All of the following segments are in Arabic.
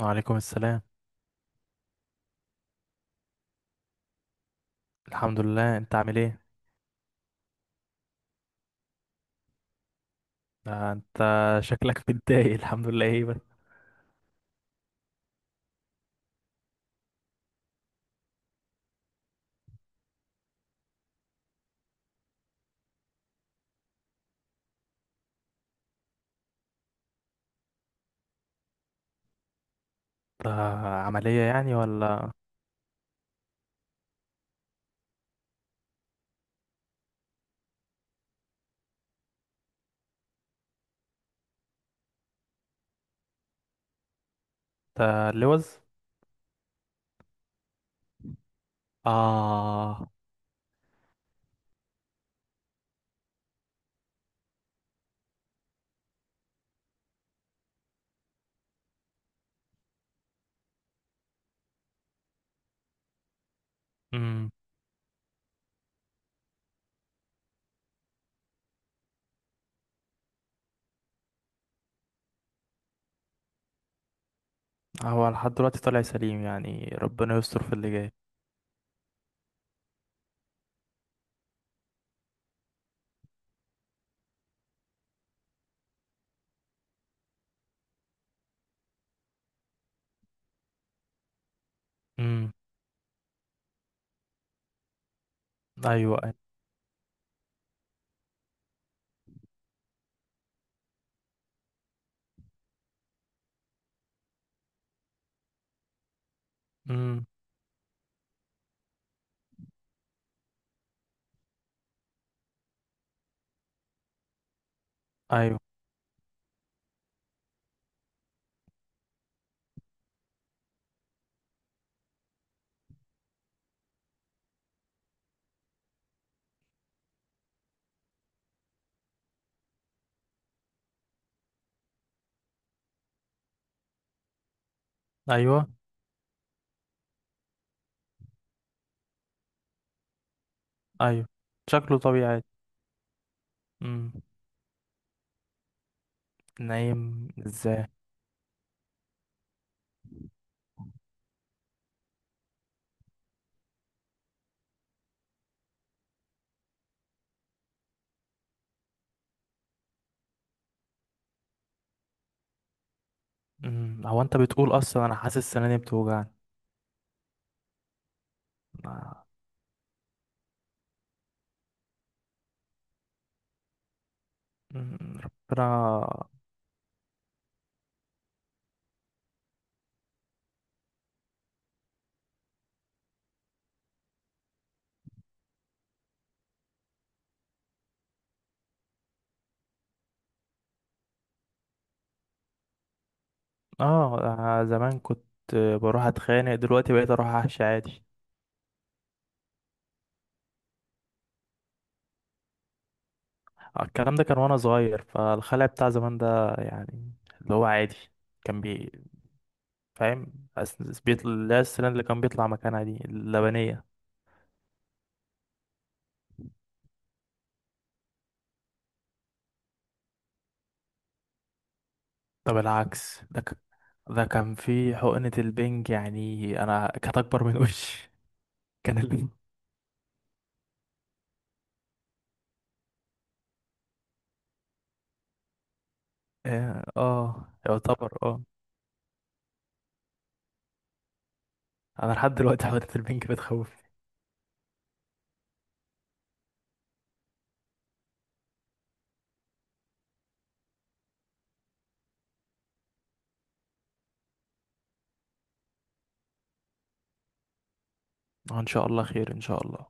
وعليكم السلام. الحمد لله، انت عامل ايه؟ ده انت شكلك متضايق. الحمد لله ايه بس؟ ده عملية يعني ولا ده اللوز؟ اه. امم، هو لحد دلوقتي طالع سليم، يعني ربنا يستر في اللي جاي. امم، ايوه ايوه. امم، ايوه ايوه ايوه. شكله طبيعي. امم. نايم ازاي؟ امم، هو انت بتقول اصلا انا حاسس سناني بتوجعني. آه، مم، ربنا. اه، آه، زمان كنت بروح اتخانق، دلوقتي بقيت اروح احشي عادي. آه، الكلام ده كان وانا صغير، فالخلع بتاع زمان ده يعني اللي هو عادي. كان بي، فاهم، بيطلع لا السنان اللي كان بيطلع مكانها دي اللبنية. طب العكس ده ده كان في حقنة البنج، يعني انا كانت اكبر من وشي. كان اه، آه، يعتبر اه. انا لحد دلوقتي حقنة البنج بتخوف. آه، ان شاء الله خير ان شاء الله.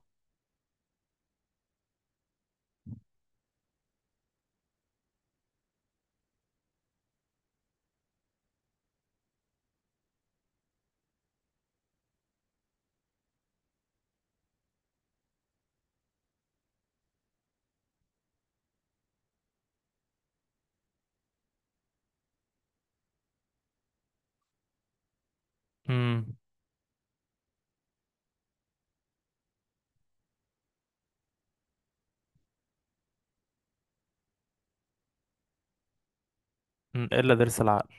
امم، إمم، الا ضرس العقل.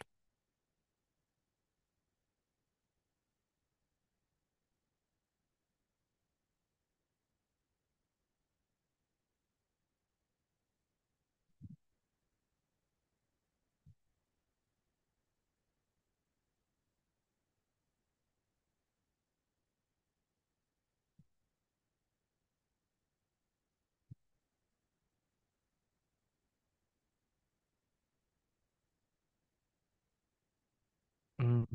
امم.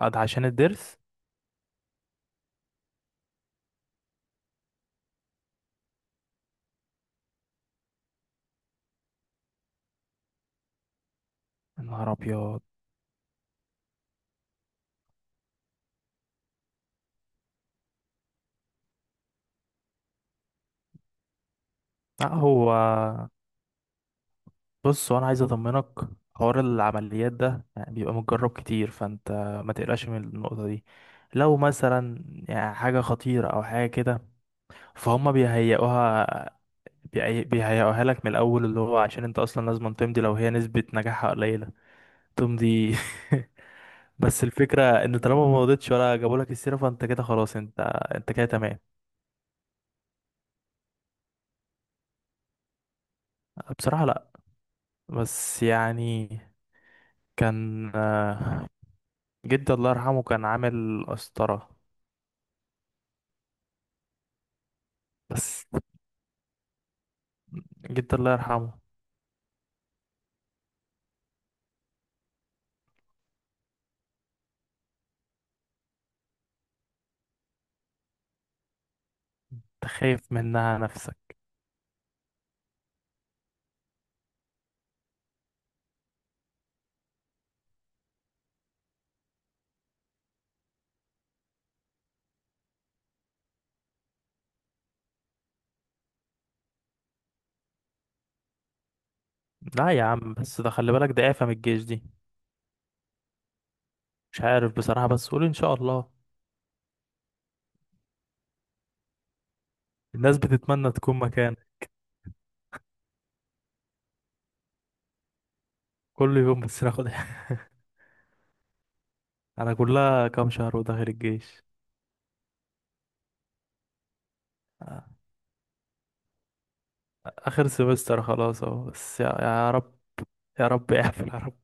قاعد عشان الضرس؟ يا نهار ابيض. لا، هو بص وانا عايز اطمنك. حوار العمليات ده يعني بيبقى متجرب كتير، فانت ما تقلقش من النقطة دي. لو مثلا يعني حاجة خطيرة او حاجة كده فهم بيهيئوها، بيهيئوها لك من الاول، اللي هو عشان انت اصلا لازم تمضي لو هي نسبة نجاحها قليلة. تمضي. بس الفكرة ان طالما ما مضيتش ولا جابوا لك السيرة فانت كده خلاص. انت انت كده تمام. بصراحة لا. بس يعني كان جدي الله يرحمه كان عامل قسطرة. بس جدي الله يرحمه. انت خايف منها نفسك. لا يا عم، بس ده خلي بالك ده آفة من الجيش دي. مش عارف بصراحة، بس قول إن شاء الله. الناس بتتمنى تكون مكان كل يوم بس ناخد. أنا كلها كام شهر وداخل الجيش. آخر سمستر خلاص أهو. بس يا رب، يا رب اقفل يا رب.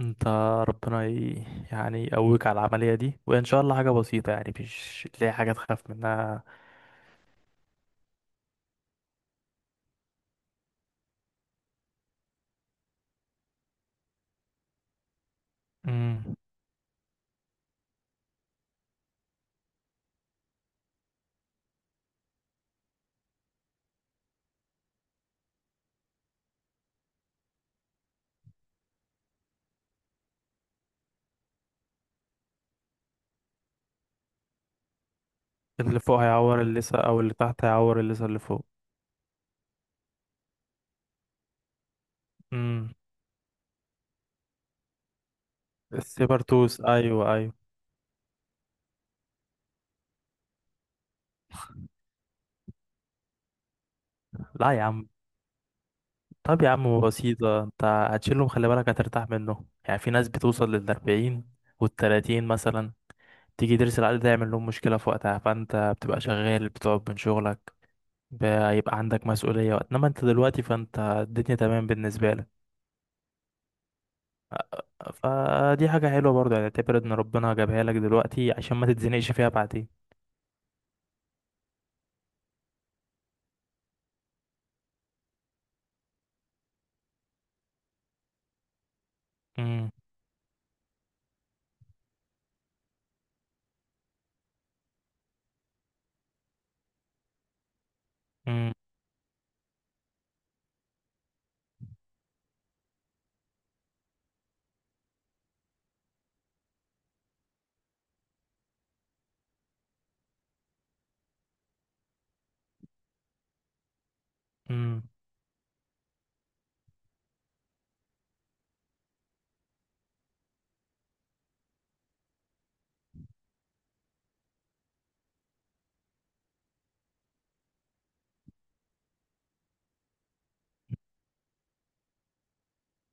انت، ربنا ي... يعني يقويك على العملية دي، وإن شاء الله حاجة بسيطة يعني مش تلاقي حاجة تخاف منها. مم. اللي فوق هيعور الليسا او اللي تحت هيعور الليسا اللي فوق. امم، السيبرتوث ايوه ايوه. لا يا عم، طب يا عم بسيطة، انت هتشيلهم خلي بالك، هترتاح منهم. يعني في ناس بتوصل للأربعين والتلاتين مثلا، تيجي ترسل عليه ده يعمل لهم مشكلة في وقتها، فانت بتبقى شغال، بتقعد من شغلك، بيبقى عندك مسؤولية وقت. انما انت دلوقتي فانت الدنيا تمام بالنسبة لك. فدي حاجة حلوة برضه يعني، اعتبر ان ربنا جابها لك دلوقتي عشان ما تتزنقش فيها بعدين. امم.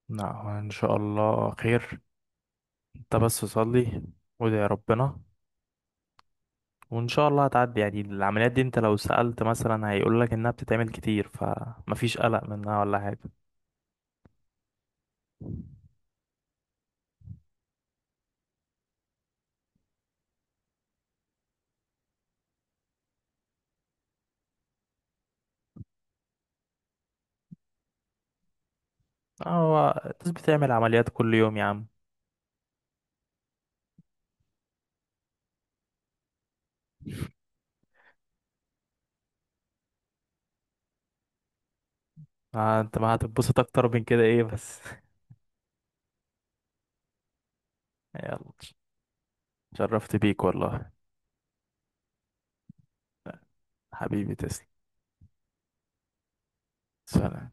لا هو ان شاء الله خير. انت بس صلي وادعي يا ربنا، وان شاء الله هتعدي يعني. العمليات دي انت لو سألت مثلا هيقول لك انها بتتعمل كتير، فمفيش قلق منها ولا حاجة. هو الناس بتعمل عمليات كل يوم يا عم. آه، انت ما هتتبسط اكتر من كده ايه بس؟ يلا، شرفت بيك والله. حبيبي تسلم. سلام.